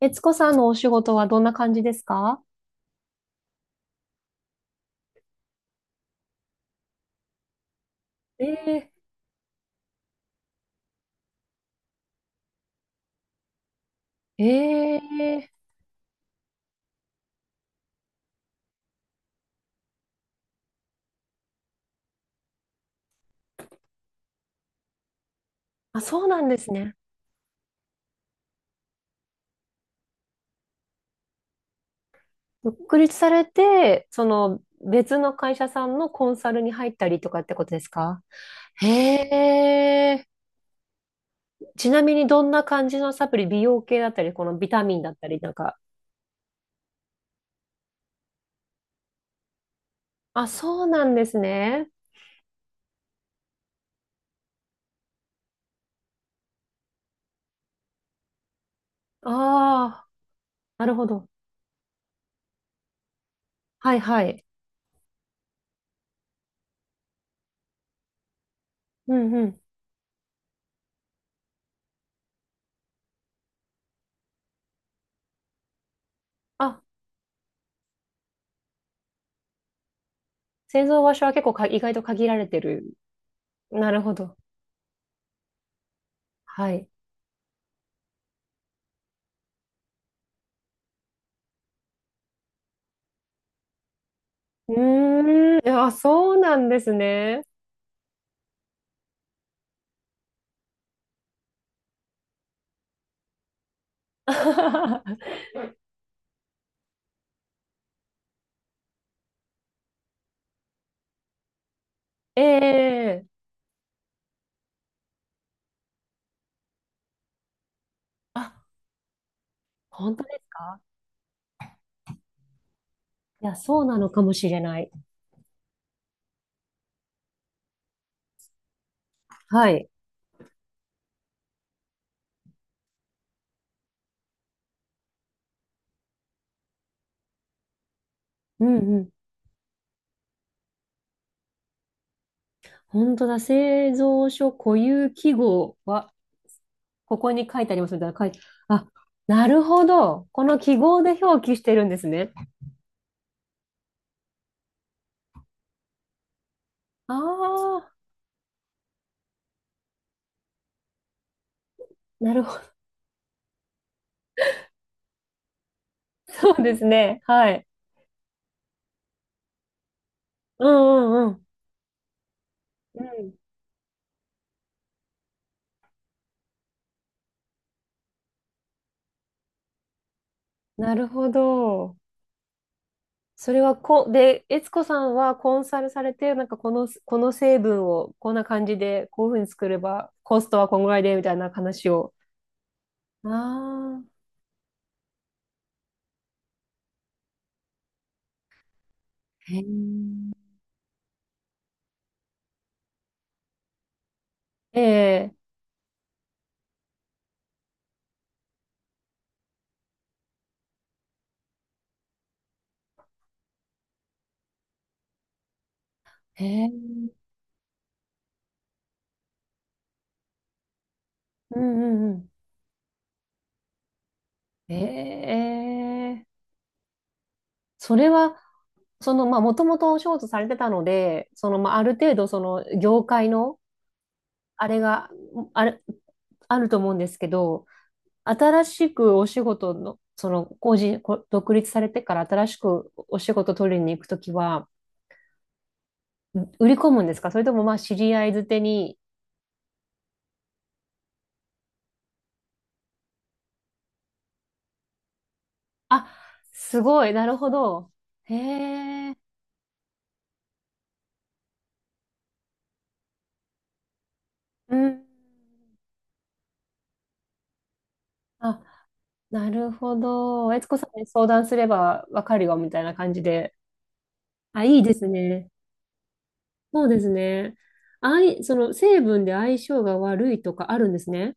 悦子さんのお仕事はどんな感じですか？えー、えー、あ、そうなんですね。独立されて、その別の会社さんのコンサルに入ったりとかってことですか？へえ。ちなみにどんな感じのサプリ、美容系だったり、このビタミンだったりなんか。あ、そうなんですね。ああ、なるほど。はいはい。うんうん。あ、製造場所は結構か意外と限られてる。なるほど。はい。うーん、あ、そうなんですね。ええ。あ、本当ですか？いや、そうなのかもしれない。はい。うんうん。本当だ。製造所固有記号は、ここに書いてありますみたいな書いて、あ、なるほど。この記号で表記してるんですね。ああ、なるほど。そうですね。はい。うんうんうん。うん。なるほど。それはで、悦子さんはコンサルされて、なんかこの、成分をこんな感じで、こういうふうに作れば、コストはこんぐらいで、みたいな話を。ああ、へえ、ええ、へー、うんうんうん。ええ、それは、その、まあ、もともとお仕事されてたので、その、まあ、ある程度、その、業界の、あれが、あれ、あると思うんですけど、新しくお仕事の、その、個人、こ独立されてから新しくお仕事取りに行くときは、売り込むんですか？それともまあ、知り合いづてに。あ、すごい、なるほど。へえ、うん。あ、なるほど。悦子さんに相談すればわかるよ、みたいな感じで。あ、いいですね。そうですね。あい、その成分で相性が悪いとかあるんですね。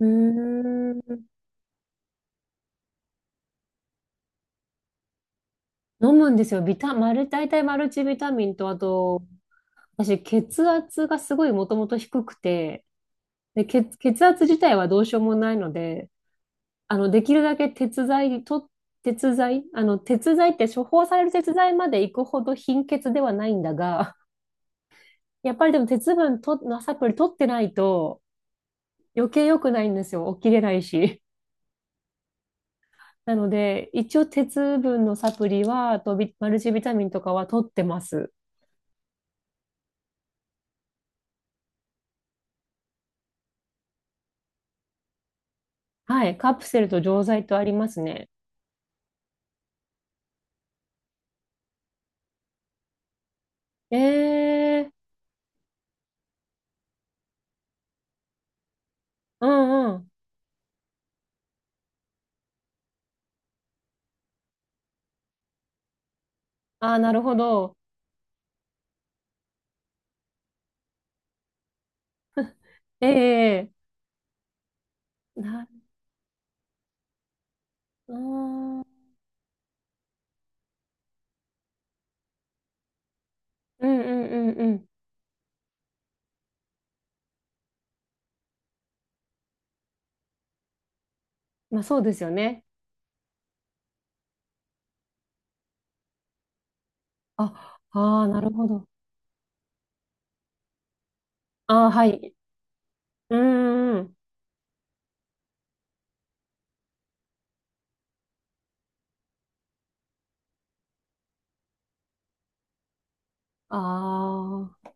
うーん。飲むんですよ。ビタ、マル、大体マルチビタミンと、あと、私、血圧がすごいもともと低くて、で、血圧自体はどうしようもないので、あの、できるだけ鉄剤と、鉄剤って処方される鉄剤まで行くほど貧血ではないんだが、やっぱりでも鉄分と、のサプリ取ってないと余計良くないんですよ。起きれないし。なので、一応鉄分のサプリは、あとマルチビタミンとかは取ってます。はい、カプセルと錠剤とありますね。ええ、うんうん。ああ、なるほど。ええ、な、あー、うんうんうんうん。まあそうですよね。あ、ああ、なるほど。ああ、はい。うんうん。ああ、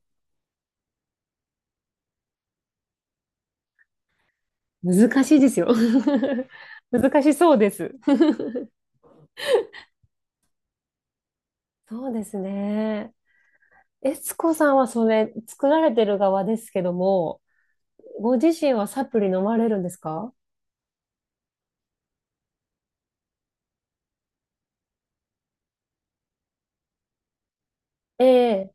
難しいですよ。難しそうです。そうですね。えつこさんはそれ、作られてる側ですけども、ご自身はサプリ飲まれるんですか？ええ、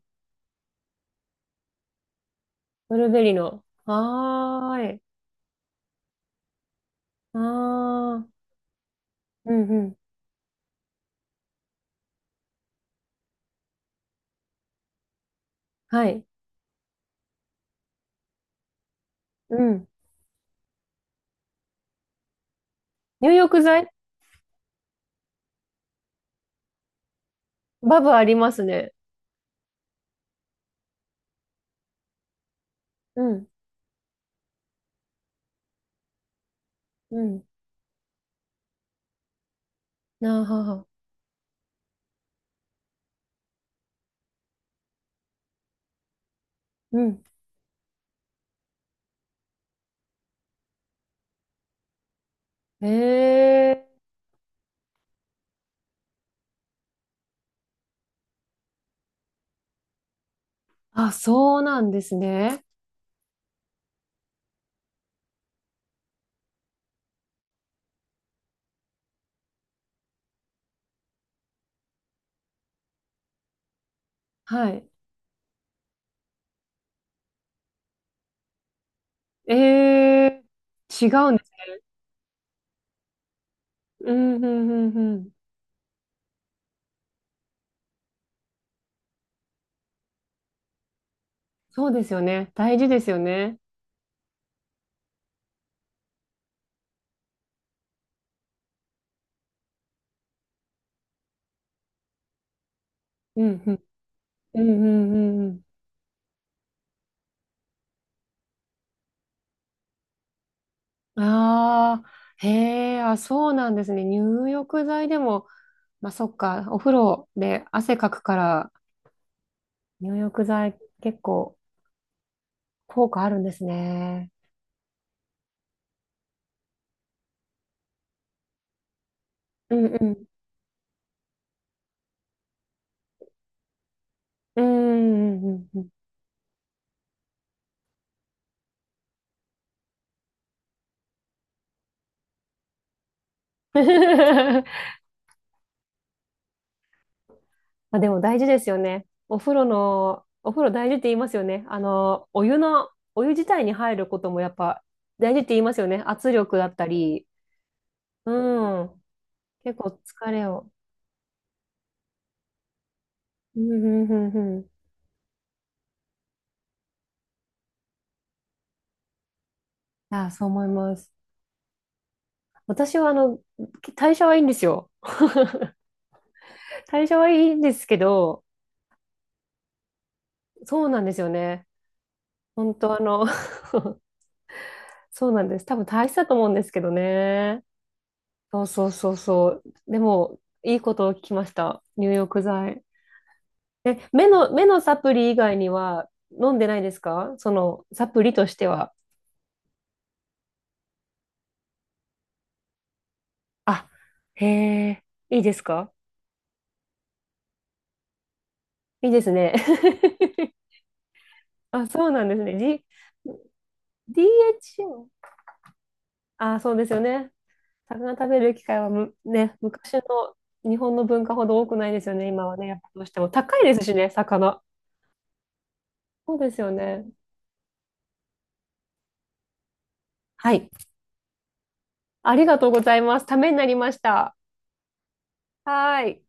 ブルーベリーの。はーい。ああ、うんうん、はい。うん、入浴剤？バブありますね。うん、うん、なあはは、うん。ええ、あ、そうなんですね。はい。ええ、違うんです。うん、うん、うん、うん。そうですよね。大事ですよね。うん、うん、うん、うんうんうん。ああ、へえ、あ、そうなんですね。入浴剤でも、まあ、そっか、お風呂で汗かくから、入浴剤結構効果あるんですね。ううん、うん、うーん、うん、うん。うん。 まあでも大事ですよね。お風呂大事って言いますよね。お湯自体に入ることもやっぱ大事って言いますよね。圧力だったり。うん。結構疲れを。うん、うん、うん、うん。ああ、そう思います。私はあの、代謝はいいんですよ。代謝はいいんですけど、そうなんですよね。本当そうなんです。多分大したと思うんですけどね。そうそうそうそう。でも、いいことを聞きました。入浴剤。え、目のサプリ以外には飲んでないですか？その、サプリとしては。あ、へえ、いいですか？いいですね。あ、そうなんですね。DHA？ あ、そうですよね。魚食べる機会はね、昔の日本の文化ほど多くないですよね、今はね。やっぱどうしても高いですしね、魚。そうですよね。はい。ありがとうございます。ためになりました。はーい。